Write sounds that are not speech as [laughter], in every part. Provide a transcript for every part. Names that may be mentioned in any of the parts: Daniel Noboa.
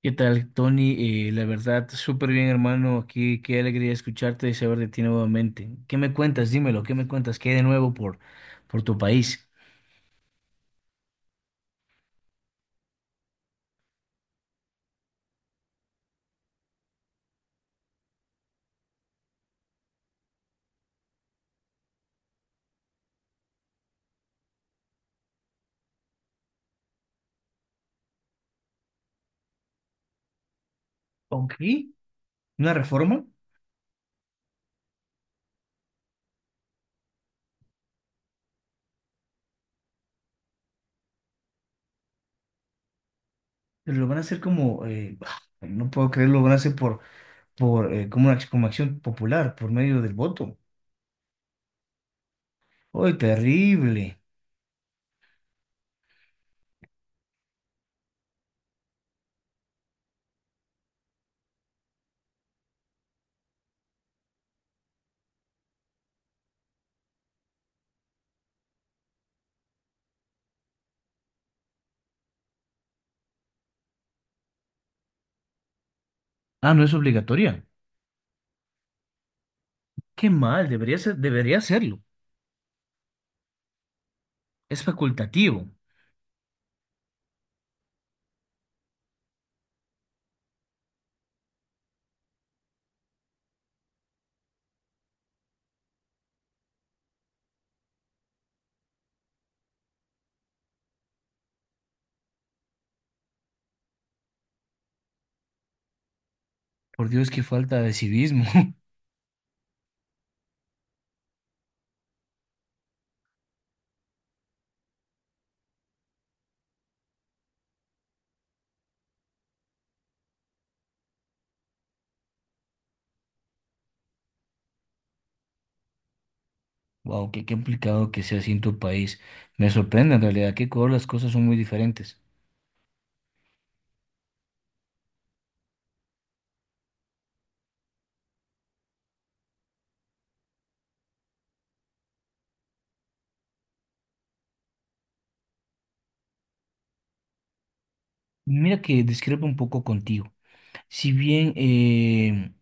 ¿Qué tal, Tony? La verdad, súper bien, hermano. Aquí, qué alegría escucharte y saber de ti nuevamente. ¿Qué me cuentas? Dímelo, ¿qué me cuentas? ¿Qué hay de nuevo por tu país? Ok, una reforma, pero lo van a hacer como, [sighs] no puedo creerlo, lo van a hacer por como, una, como acción popular, por medio del voto. ¡Ay, terrible! Ah, no es obligatoria. Qué mal, debería ser, debería serlo. Es facultativo. Por Dios, qué falta de civismo. [laughs] Wow, qué complicado que sea así en tu país. Me sorprende en realidad que Ecuador las cosas son muy diferentes. Mira que discrepo un poco contigo. Si bien eh,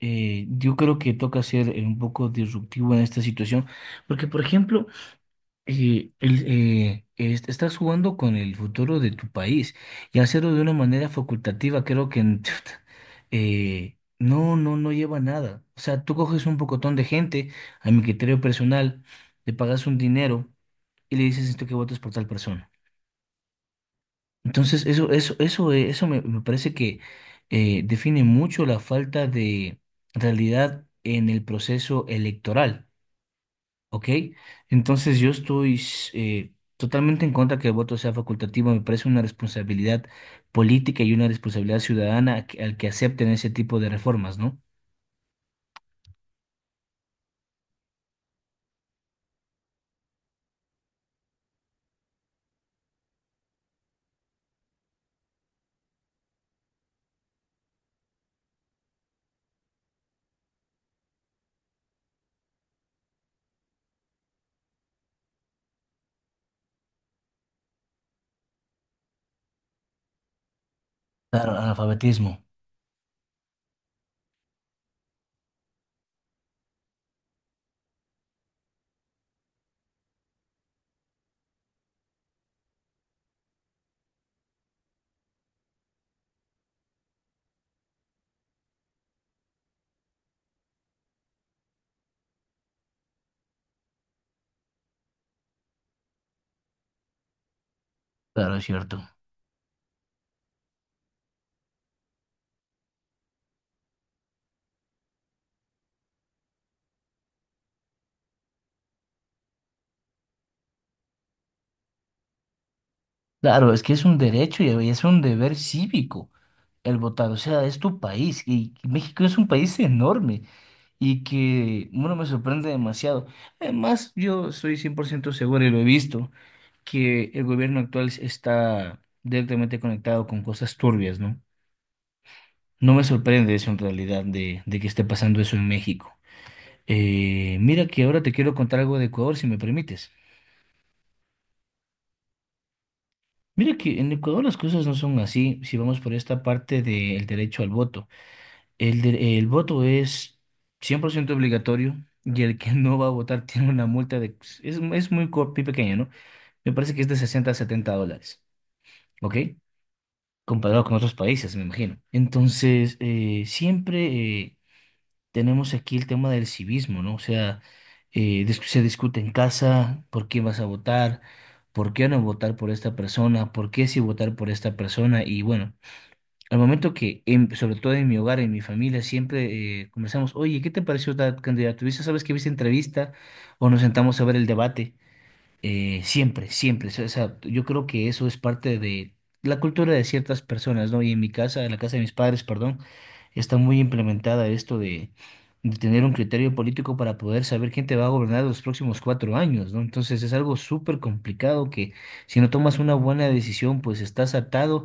eh, yo creo que toca ser un poco disruptivo en esta situación, porque por ejemplo, estás jugando con el futuro de tu país y hacerlo de una manera facultativa, creo que [laughs] no, no, no lleva nada. O sea, tú coges un pocotón de gente, a mi criterio personal, le pagas un dinero y le dices esto que votes por tal persona. Entonces, eso me parece que define mucho la falta de realidad en el proceso electoral. ¿Ok? Entonces yo estoy totalmente en contra que el voto sea facultativo. Me parece una responsabilidad política y una responsabilidad ciudadana a al que acepten ese tipo de reformas, ¿no? Claro, analfabetismo. Claro, es cierto. Claro, es que es un derecho y es un deber cívico el votar, o sea, es tu país y México es un país enorme y que, bueno, me sorprende demasiado. Además, yo estoy 100% seguro y lo he visto, que el gobierno actual está directamente conectado con cosas turbias, ¿no? No me sorprende eso en realidad de que esté pasando eso en México. Mira que ahora te quiero contar algo de Ecuador, si me permites. Mira que en Ecuador las cosas no son así si vamos por esta parte del derecho al voto. El, el voto es 100% obligatorio y el que no va a votar [laughs] tiene una multa de Es muy muy pequeña, ¿no? Me parece que es de 60 a 70 dólares, ¿ok? Comparado con otros países, me imagino. Entonces, siempre eh, tenemos aquí el tema del civismo, ¿no? O sea, se discute en casa por quién vas a votar, por qué no votar por esta persona, por qué sí votar por esta persona. Y bueno, al momento que, sobre todo en mi hogar, en mi familia, siempre conversamos, oye, ¿qué te pareció tal candidato? ¿Viste, sabes que viste entrevista? O nos sentamos a ver el debate siempre, siempre. O sea, yo creo que eso es parte de la cultura de ciertas personas, ¿no? Y en mi casa, en la casa de mis padres, perdón, está muy implementada esto de tener un criterio político para poder saber quién te va a gobernar los próximos 4 años, ¿no? Entonces es algo súper complicado que si no tomas una buena decisión, pues estás atado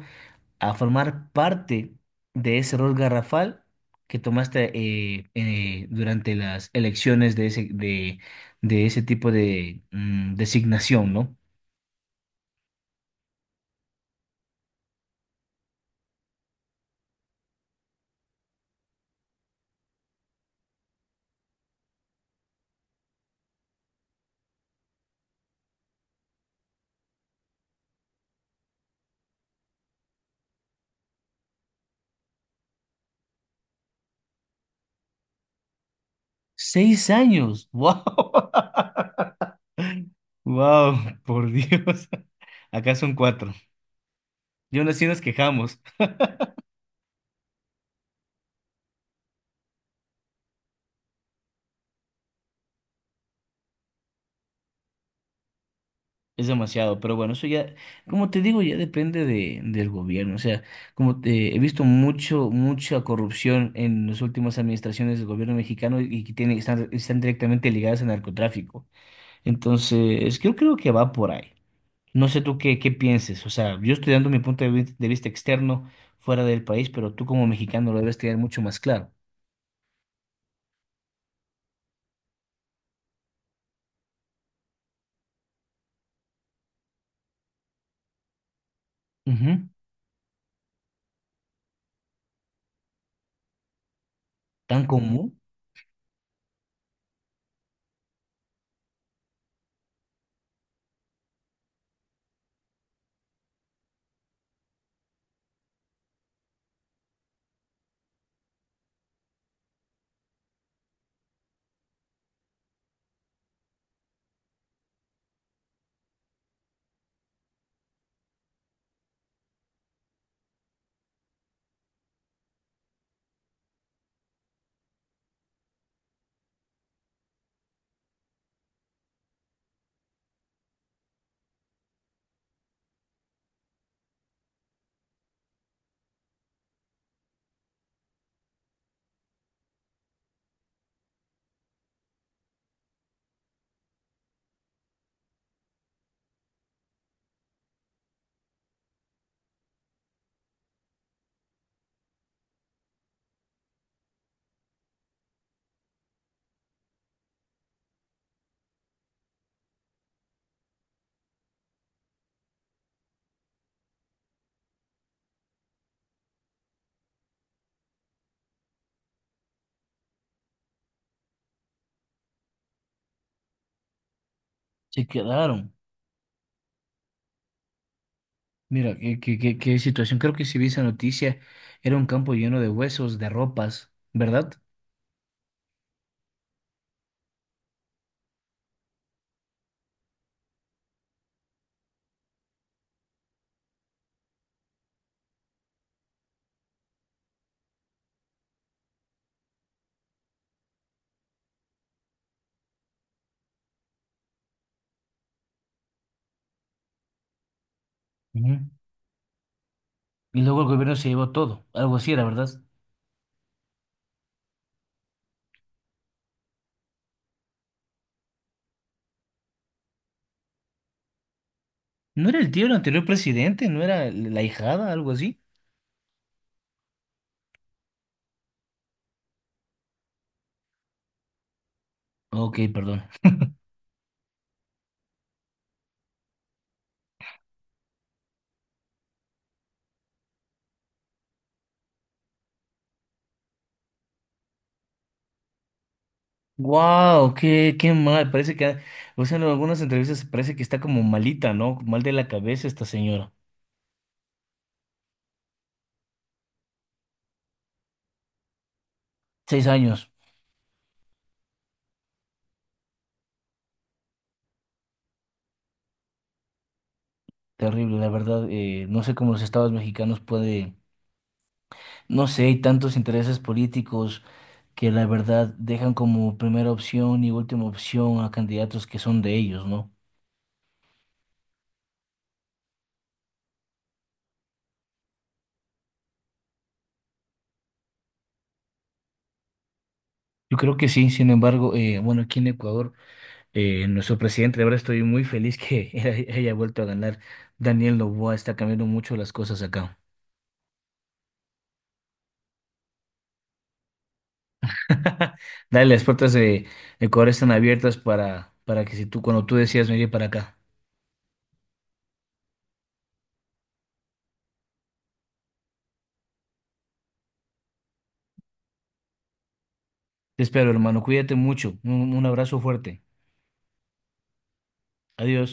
a formar parte de ese error garrafal que tomaste durante las elecciones de de ese tipo de designación, ¿no? 6 años, wow, [laughs] wow, por Dios, [laughs] acá son cuatro. Yo aún así nos quejamos. Es demasiado, pero bueno, eso ya, como te digo, ya depende de, del gobierno. O sea, como te, he visto mucho, mucha corrupción en las últimas administraciones del gobierno mexicano y que tienen, están, están directamente ligadas al narcotráfico. Entonces, yo creo que va por ahí. No sé tú qué, qué pienses. O sea, yo estoy dando mi punto de de vista externo fuera del país, pero tú como mexicano lo debes tener mucho más claro. Ujú. Tan común, se quedaron. Mira, qué situación. Creo que si vi esa noticia, era un campo lleno de huesos, de ropas, ¿verdad? Ujú. Y luego el gobierno se llevó todo, algo así era, ¿verdad? ¿No era el tío del anterior presidente? ¿No era la hijada, algo así? Ok, perdón. Wow, qué, qué mal. Parece que, o sea, en algunas entrevistas parece que está como malita, ¿no? Mal de la cabeza esta señora. 6 años. Terrible, la verdad. Eh, no sé cómo los estados mexicanos pueden, no sé, hay tantos intereses políticos que la verdad dejan como primera opción y última opción a candidatos que son de ellos, ¿no? Yo creo que sí, sin embargo, bueno, aquí en Ecuador, nuestro presidente, ahora estoy muy feliz que [laughs] haya vuelto a ganar. Daniel Noboa está cambiando mucho las cosas acá. [laughs] Dale, las puertas de Ecuador están abiertas para que si tú, cuando tú decidas venir para acá. Te espero, hermano, cuídate mucho. Un abrazo fuerte. Adiós.